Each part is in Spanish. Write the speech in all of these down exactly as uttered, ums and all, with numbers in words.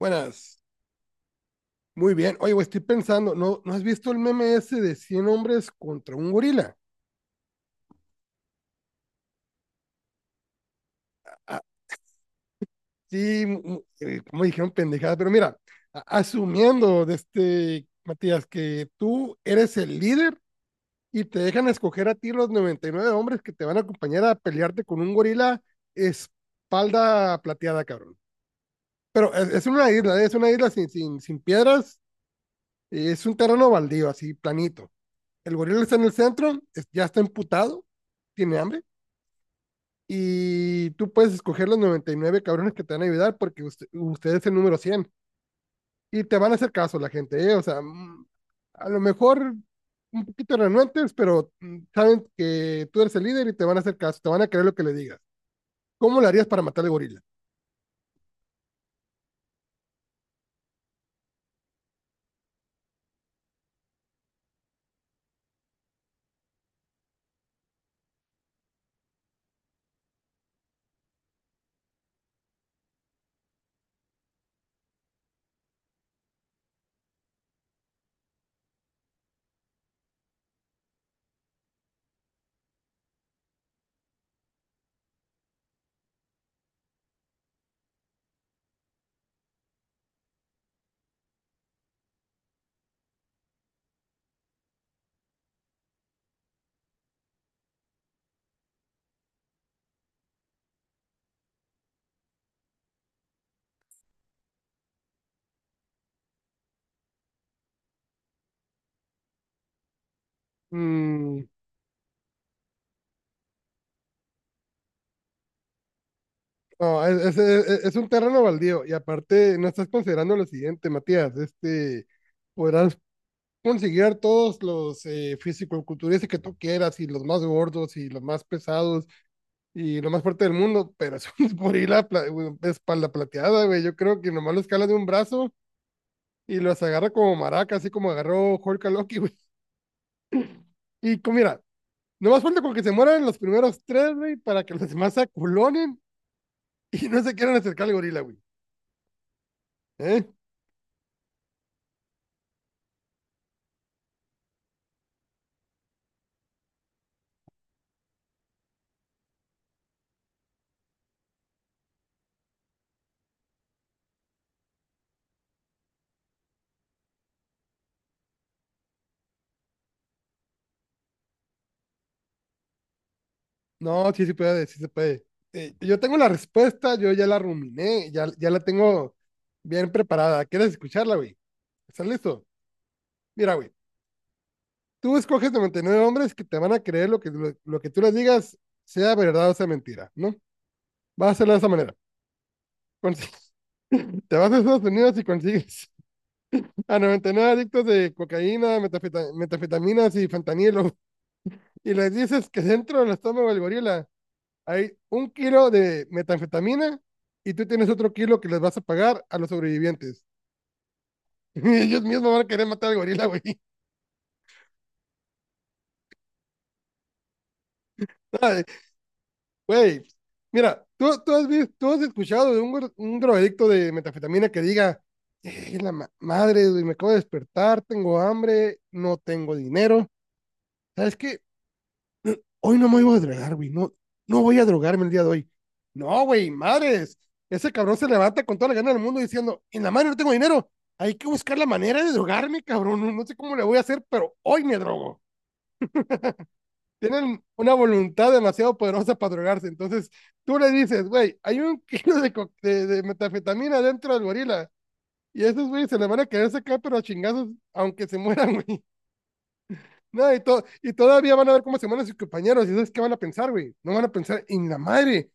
Buenas. Muy bien. Oye, güey, estoy pensando, ¿no, ¿no has visto el meme ese de cien hombres contra un gorila? Ah, sí, mm, eh, como dijeron pendejadas, pero mira, a- asumiendo de este, Matías, que tú eres el líder y te dejan escoger a ti los noventa y nueve hombres que te van a acompañar a pelearte con un gorila espalda plateada, cabrón. Pero es, es una isla, ¿eh? Es una isla sin, sin, sin piedras, eh, es un terreno baldío, así, planito. El gorila está en el centro, es- ya está emputado, tiene hambre y tú puedes escoger los noventa y nueve cabrones que te van a ayudar porque usted, usted es el número cien y te van a hacer caso la gente, ¿eh? O sea, mm, a lo mejor un poquito renuentes, pero mm, saben que tú eres el líder y te van a hacer caso, te van a creer lo que le digas. ¿Cómo lo harías para matar al gorila? Mm, no, es, es- es- es un terreno baldío y aparte no estás considerando lo siguiente, Matías, este, podrás conseguir a todos los eh, fisicoculturistas que tú quieras y los más gordos y los más pesados y lo más fuerte del mundo, pero es un gorila pla- güey, espalda plateada, güey. Yo creo que nomás lo escala de un brazo y los agarra como maraca, así como agarró Hulk a Loki, güey. Y co- mira, nomás falta con que se mueran los primeros tres, güey, para que los demás se aculonen y no se quieran acercar al gorila, güey. ¿Eh? No, sí sí puede, sí se puede. Eh, yo tengo la respuesta, yo ya la ruminé, ya, ya la tengo bien preparada. ¿Quieres escucharla, güey? ¿Estás listo? Mira, güey. Tú escoges noventa y nueve hombres que te van a creer lo que, lo, lo que tú les digas, sea verdad o sea mentira, ¿no? Vas a hacerlo de esa manera. Consigues- te vas a Estados Unidos y consigues a noventa y nueve adictos de cocaína, metafeta- metafetaminas y fentanilo y les dices que dentro del estómago del gorila hay un kilo de metanfetamina y tú tienes otro kilo que les vas a pagar a los sobrevivientes. Y ellos mismos van a querer matar al gorila, güey. Güey, mira, ¿tú, tú has visto, tú has escuchado de un, gor- un drogadicto de metafetamina que diga, "Eh, la ma- madre, güey, me acabo de despertar, tengo hambre, no tengo dinero. ¿Sabes qué? Hoy no me voy a drogar, güey, no, no voy a drogarme el día de hoy. No, güey, madres, ese cabrón se levanta con toda la gana del mundo diciendo, en la madre no tengo dinero, hay que buscar la manera de drogarme, cabrón, no, no sé cómo le voy a hacer, pero hoy me drogo. Tienen una voluntad demasiado poderosa para drogarse. Entonces, tú le dices, güey, hay un kilo de, co- de, de metafetamina dentro del gorila. Y esos, güey, se le van a querer sacar, pero a chingazos, aunque se mueran, güey. No, y, to- y todavía van a ver cómo se mueren sus compañeros. ¿Y sabes qué van a pensar, güey? No van a pensar, en la madre,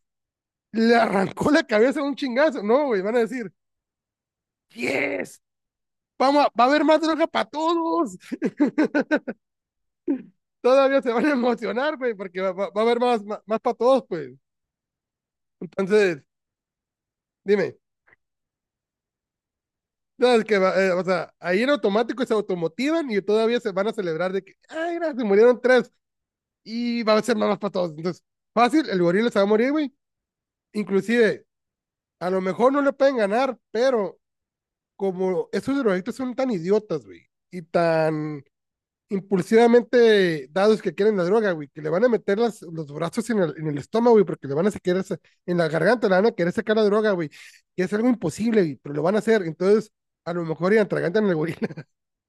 le arrancó la cabeza a un chingazo. No, güey, van a decir, yes, vamos a- va a haber más droga para todos. Todavía se van a emocionar, güey, porque va, va- va a haber más, más, más para todos, pues. Entonces, dime. No, es que, eh, o sea, ahí en automático se automotivan y todavía se van a celebrar de que, ay, mira, se murieron tres y va a ser más para todos. Entonces, fácil, el gorila se va a morir, güey. Inclusive, a lo mejor no le pueden ganar, pero como esos drogadictos son tan idiotas, güey, y tan impulsivamente dados que quieren la droga, güey, que le van a meter las- los brazos en el, en el estómago, güey, porque le van a sacar esa- en la garganta, le van a querer sacar la droga, güey, que es algo imposible, güey, pero lo van a hacer. Entonces, a lo mejor y atragantan al gorila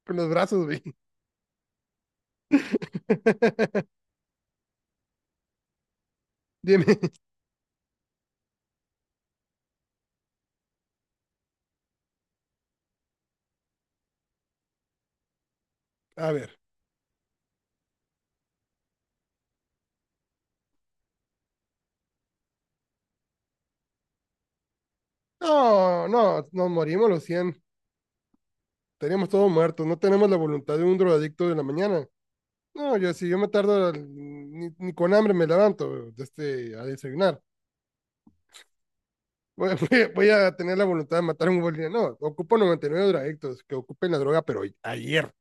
con los brazos, güey. Dime, a ver. No, no, nos morimos los cien. Teníamos todos muertos. No tenemos la voluntad de un drogadicto de la mañana. No, yo si yo me tardo, ni, ni con hambre me levanto este, a desayunar. Voy, voy- voy a tener la voluntad de matar a un boliviano. No, ocupo noventa y nueve drogadictos que ocupen la droga, pero ayer.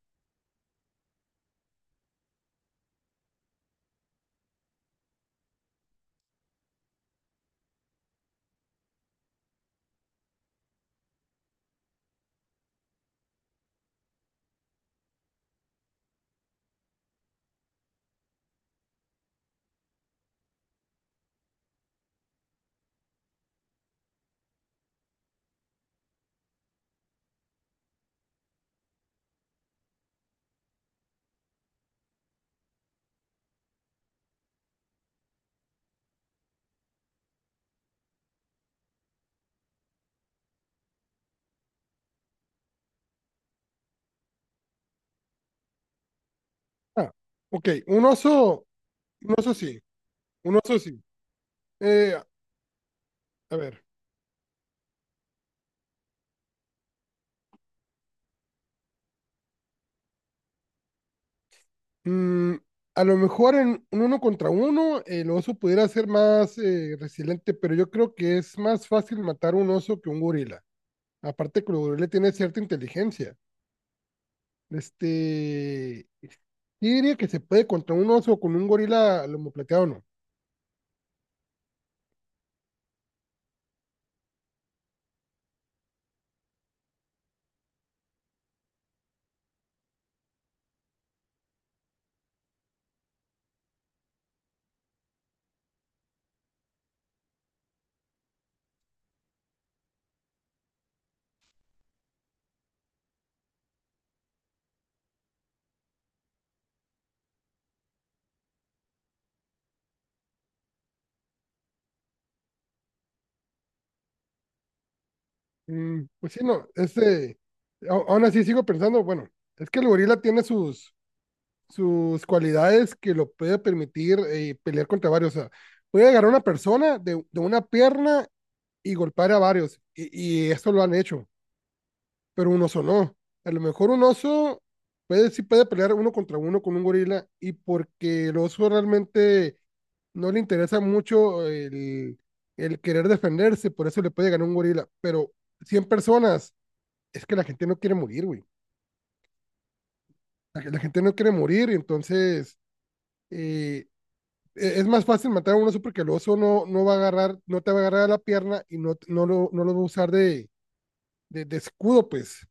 Ah, ok, un oso, un oso sí, un oso sí. Eh, a ver, Mm, a lo mejor en un uno contra uno el oso pudiera ser más eh, resiliente, pero yo creo que es más fácil matar un oso que un gorila. Aparte que el gorila tiene cierta inteligencia. Este, yo diría que se puede contra un oso o con un gorila lomo plateado, ¿no? Mm, pues sí, no, este, au- aún así sigo pensando, bueno, es que el gorila tiene sus, sus cualidades que lo puede permitir eh, pelear contra varios. O sea, puede agarrar a una persona de, de una pierna y golpear a varios. Y, y esto lo han hecho, pero un oso no. A lo mejor un oso puede, sí puede pelear uno contra uno con un gorila y porque el oso realmente no le interesa mucho el, el querer defenderse, por eso le puede ganar un gorila. Pero cien personas, es que la gente no quiere morir, güey. La, la gente no quiere morir, entonces eh, e, es más fácil matar a un oso porque el oso no, no va a agarrar, no te va a agarrar a la pierna y no, no, lo, no lo va a usar de, de, de escudo, pues.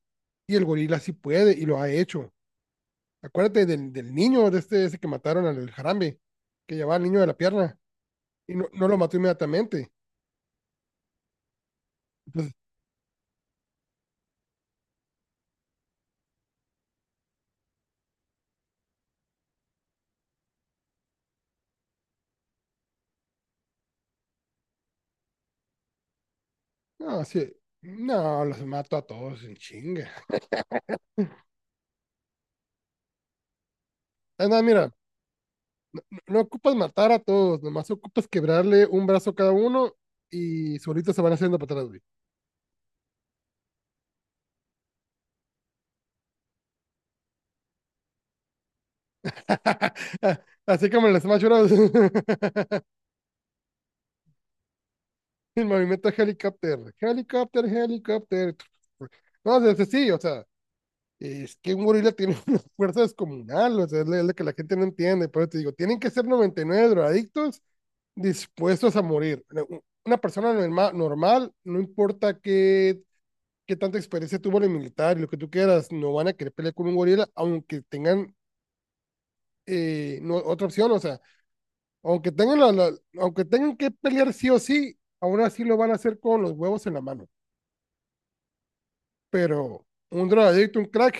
Y el gorila sí puede y lo ha hecho. Acuérdate del, del niño, de este ese que mataron al jarambe, que llevaba al niño de la pierna y no, no lo mató inmediatamente. Entonces, no, sí, no, los mato a todos en chinga. Ah, no, mira, no ocupas matar a todos, nomás ocupas quebrarle un brazo a cada uno y solitos se van haciendo para atrás, güey. Así como en el Smash Bros. El movimiento helicóptero. Helicóptero, helicóptero. No, es sí, o sea, es que un gorila tiene una fuerza descomunal, o sea, es lo que la gente no entiende. Por eso te digo, tienen que ser noventa y nueve drogadictos dispuestos a morir. Una persona normal, normal no importa qué, qué, tanta experiencia tuvo en el militar y lo que tú quieras, no van a querer pelear con un gorila, aunque tengan eh, no, otra opción, o sea, aunque tengan, la, la, aunque tengan que pelear sí o sí, aún así lo van a hacer con los huevos en la mano. Pero un drogadicto, un crack,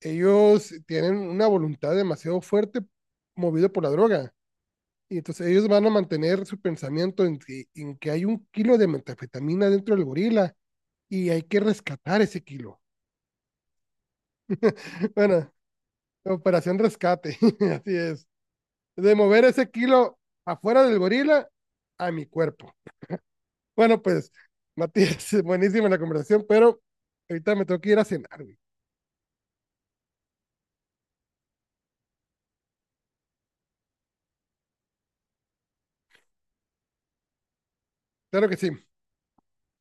ellos tienen una voluntad demasiado fuerte movida por la droga. Y entonces ellos van a mantener su pensamiento en que, en que hay un kilo de metanfetamina dentro del gorila y hay que rescatar ese kilo. Bueno, operación rescate, así es. De mover ese kilo afuera del gorila a mi cuerpo. Bueno, pues, Matías, buenísima la conversación, pero ahorita me tengo que ir a cenar, güey. Claro que sí.